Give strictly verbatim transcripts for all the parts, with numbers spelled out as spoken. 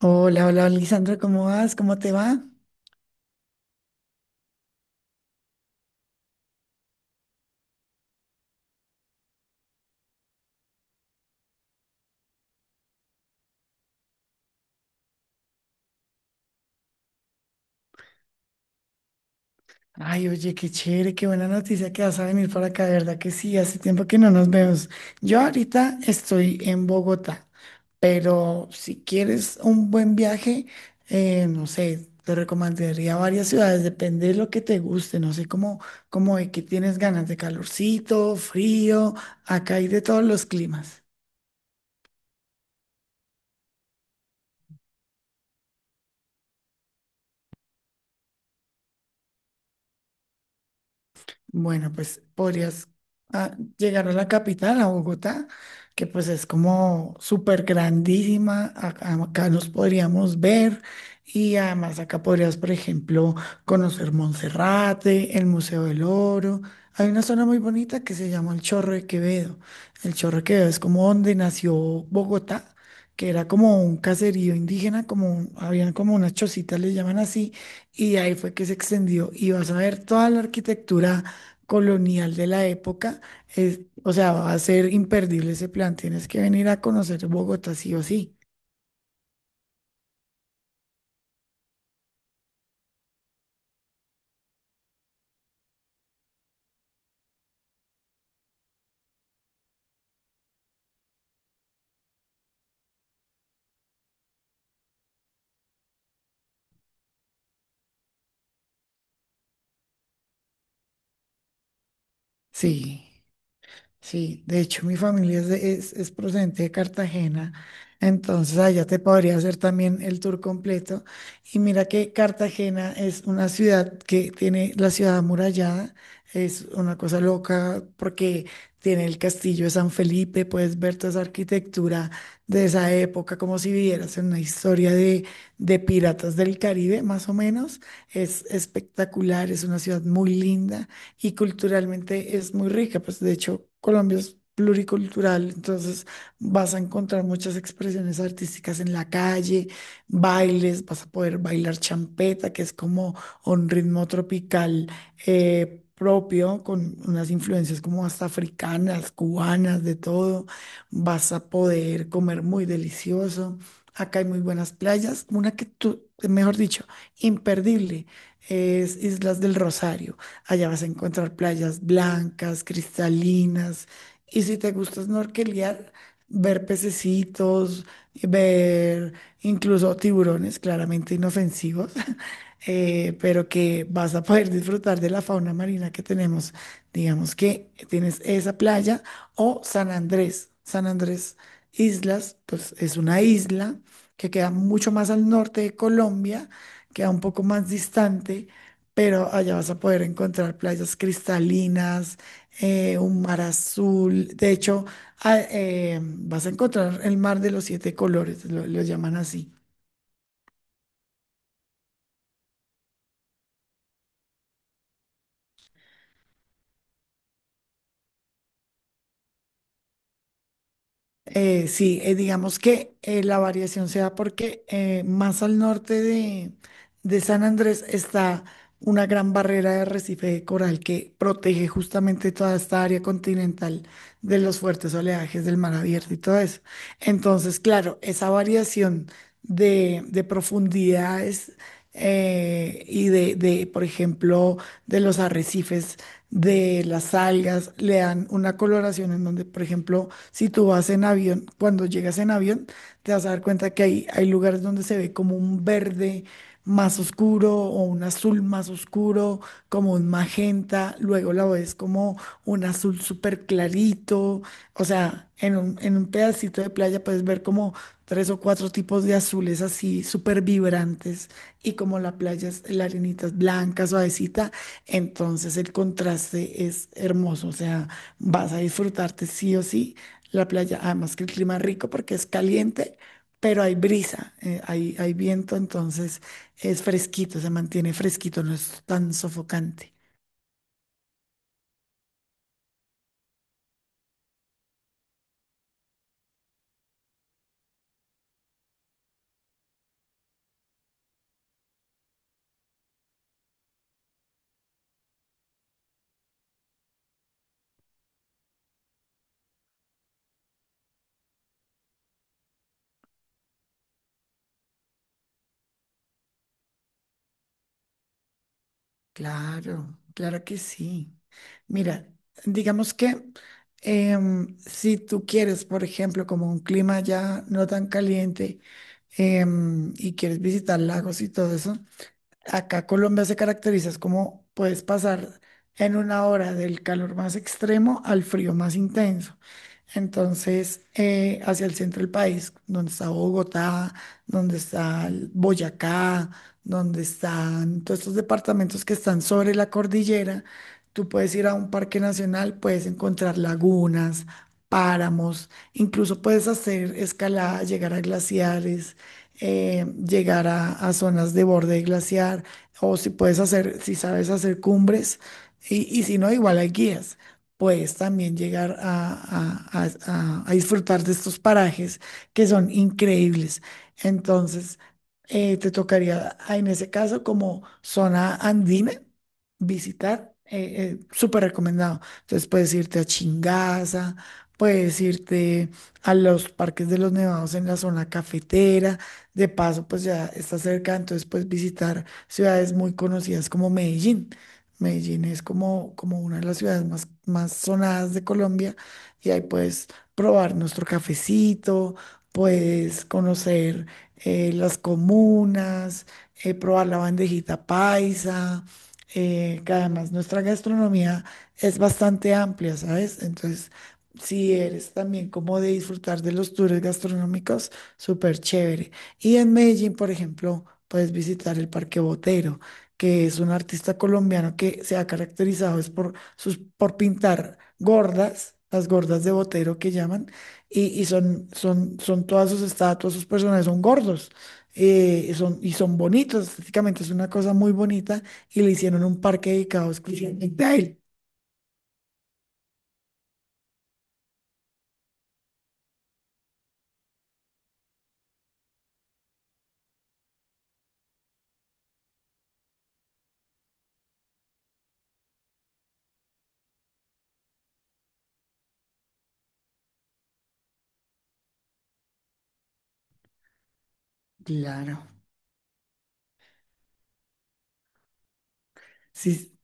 Hola, hola, Lisandra, ¿cómo vas? ¿Cómo te va? Ay, oye, qué chévere, qué buena noticia que vas a venir para acá, de verdad que sí, hace tiempo que no nos vemos. Yo ahorita estoy en Bogotá, pero si quieres un buen viaje, eh, no sé, te recomendaría varias ciudades, depende de lo que te guste, no sé cómo, cómo de qué tienes ganas, de calorcito, frío, acá hay de todos los climas. Bueno, pues podrías ah, llegar a la capital, a Bogotá, que pues es como súper grandísima. Acá, acá nos podríamos ver y además acá podrías, por ejemplo, conocer Monserrate, el Museo del Oro. Hay una zona muy bonita que se llama el Chorro de Quevedo. El Chorro de Quevedo es como donde nació Bogotá, que era como un caserío indígena, como un- habían como unas chocitas, le llaman así, y de ahí fue que se extendió. Y vas a ver toda la arquitectura colonial de la época. Es, o sea, va a ser imperdible ese plan. Tienes que venir a conocer Bogotá sí o sí. Sí. Sí, de hecho mi familia es, de- es, es procedente de Cartagena, entonces allá te podría hacer también el tour completo. Y mira que Cartagena es una ciudad que tiene la ciudad amurallada, es una cosa loca porque tiene el castillo de San Felipe, puedes ver toda esa arquitectura de esa época como si vivieras en una historia de, de piratas del Caribe, más o menos. Es espectacular, es una ciudad muy linda y culturalmente es muy rica, pues de hecho Colombia es pluricultural, entonces vas a encontrar muchas expresiones artísticas en la calle, bailes, vas a poder bailar champeta, que es como un ritmo tropical eh, propio, con unas influencias como hasta africanas, cubanas, de todo, vas a poder comer muy delicioso. Acá hay muy buenas playas, una que tú, mejor dicho, imperdible, es Islas del Rosario. Allá vas a encontrar playas blancas, cristalinas. Y si te gusta snorkelear, ver pececitos, ver incluso tiburones, claramente inofensivos, eh, pero que vas a poder disfrutar de la fauna marina que tenemos. Digamos que tienes esa playa o San Andrés. San Andrés Islas, pues es una isla que queda mucho más al norte de Colombia, queda un poco más distante pero allá vas a poder encontrar playas cristalinas, eh, un mar azul. De hecho, a- eh, vas a encontrar el mar de los siete colores, lo, lo llaman así. Eh, sí, eh, digamos que eh, la variación se da porque eh, más al norte de, de San Andrés está una gran barrera de arrecife de coral que protege justamente toda esta área continental de los fuertes oleajes del mar abierto y todo eso. Entonces, claro, esa variación de, de profundidades eh, y de, de, por ejemplo, de los arrecifes de las algas, le dan una coloración en donde, por ejemplo, si tú vas en avión, cuando llegas en avión, te vas a dar cuenta que hay, hay lugares donde se ve como un verde más oscuro o un azul más oscuro, como un magenta, luego la ves como un azul súper clarito, o sea, en un, en un pedacito de playa puedes ver como tres o cuatro tipos de azules así súper vibrantes y como la playa es, la arenita es blanca, suavecita entonces el contraste es hermoso, o sea, vas a disfrutarte sí o sí la playa, además que el clima es rico porque es caliente, pero hay brisa, eh, hay, hay viento, entonces es fresquito, se mantiene fresquito, no es tan sofocante. Claro, claro que sí. Mira, digamos que em, si tú quieres, por ejemplo, como un clima ya no tan caliente em, y quieres visitar lagos y todo eso, acá Colombia se caracteriza es como puedes pasar en una hora del calor más extremo al frío más intenso. Entonces, eh, hacia el centro del país, donde está Bogotá, donde está el Boyacá, donde están todos estos departamentos que están sobre la cordillera, tú puedes ir a un parque nacional, puedes encontrar lagunas, páramos, incluso puedes hacer escalada, llegar a glaciares eh, llegar a, a zonas de borde de glaciar, o si puedes hacer, si sabes hacer cumbres, y, y si no, igual hay guías. Puedes también llegar a, a- a- a- a disfrutar de estos parajes que son increíbles. Entonces, eh, te tocaría, ah, en ese caso, como zona andina, visitar, eh, eh, súper recomendado. Entonces, puedes irte a Chingaza, puedes irte a los parques de los nevados en la zona cafetera, de paso, pues ya está cerca, entonces puedes visitar ciudades muy conocidas como Medellín. Medellín es como, como una de las ciudades más, más sonadas de Colombia y ahí puedes probar nuestro cafecito, puedes conocer eh, las comunas, eh, probar la bandejita paisa, eh, que además nuestra gastronomía es bastante amplia, ¿sabes? Entonces, si eres también como de disfrutar de los tours gastronómicos, súper chévere. Y en Medellín, por ejemplo, puedes visitar el Parque Botero, que es un artista colombiano que se ha caracterizado es por, sus, por pintar gordas, las gordas de Botero que llaman, y, y son, son, son todas sus estatuas, sus personajes son gordos, eh, son, y son bonitos, estéticamente es una cosa muy bonita, y le hicieron un parque dedicado exclusivamente a él. Claro. Sí,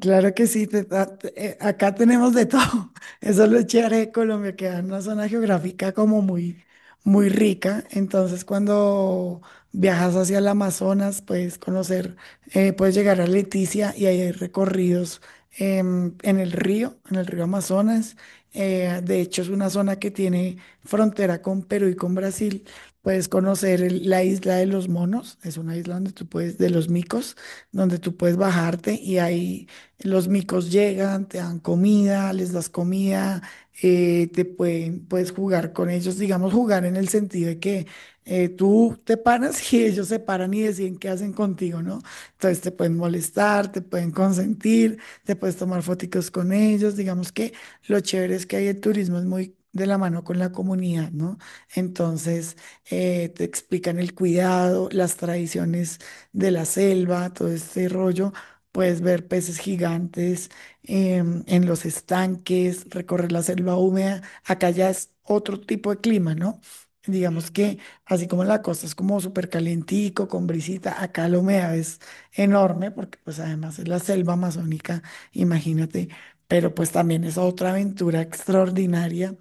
claro que sí, te- ta- te- eh, acá tenemos de todo. Eso es lo chévere de Colombia, que es una zona geográfica como muy, muy rica. Entonces, cuando viajas hacia el Amazonas, puedes conocer, eh, puedes llegar a Leticia y ahí hay recorridos em, en el río, en el río Amazonas. Eh, de hecho, es una zona que tiene frontera con Perú y con Brasil. Puedes conocer el- la isla de los monos, es una isla donde tú puedes, de los micos, donde tú puedes bajarte y ahí los micos llegan, te dan comida, les das comida, eh, te pueden, puedes jugar con ellos, digamos, jugar en el sentido de que eh, tú te paras y ellos se paran y deciden qué hacen contigo, ¿no? Entonces te pueden molestar, te pueden consentir, te puedes tomar fotitos con ellos, digamos que lo chévere es que ahí el turismo es muy de la mano con la comunidad, ¿no? Entonces eh, te explican el cuidado, las tradiciones de la selva, todo este rollo. Puedes ver peces gigantes em, en los estanques, recorrer la selva húmeda. Acá ya es otro tipo de clima, ¿no? Digamos que así como en la costa es como súper calientico, con brisita, acá la humedad es enorme porque pues además es la selva amazónica, imagínate, pero pues también es otra aventura extraordinaria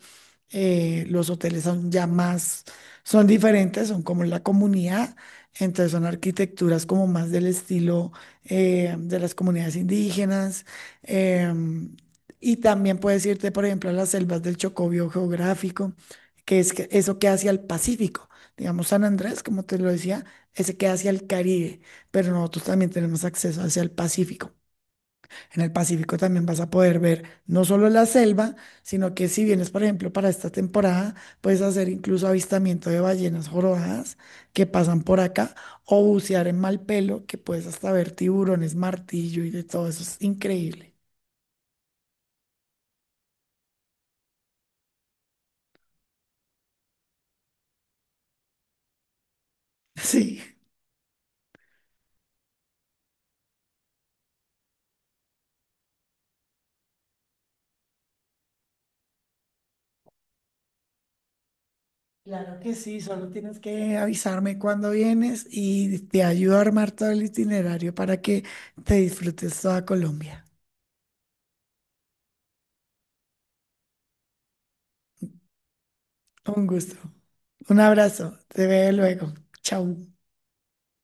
eh, los hoteles son ya más, son diferentes, son como la comunidad, entonces son arquitecturas como más del estilo eh, de las comunidades indígenas. em, y también puedes irte, por ejemplo, a las selvas del Chocó biogeográfico, que es que- eso que hacia el Pacífico. Digamos, San Andrés, como te lo decía, ese queda hacia el Caribe, pero nosotros también tenemos acceso hacia el Pacífico. En el Pacífico también vas a poder ver no solo la selva, sino que si vienes, por ejemplo, para esta temporada, puedes hacer incluso avistamiento de ballenas jorobadas que pasan por acá, o bucear en Malpelo, que puedes hasta ver tiburones, martillo y de todo eso. Es increíble. Sí. Claro que sí, solo tienes que avisarme cuando vienes y te ayudo a armar todo el itinerario para que te disfrutes toda Colombia. Un gusto. Un abrazo. Te veo luego. Chau.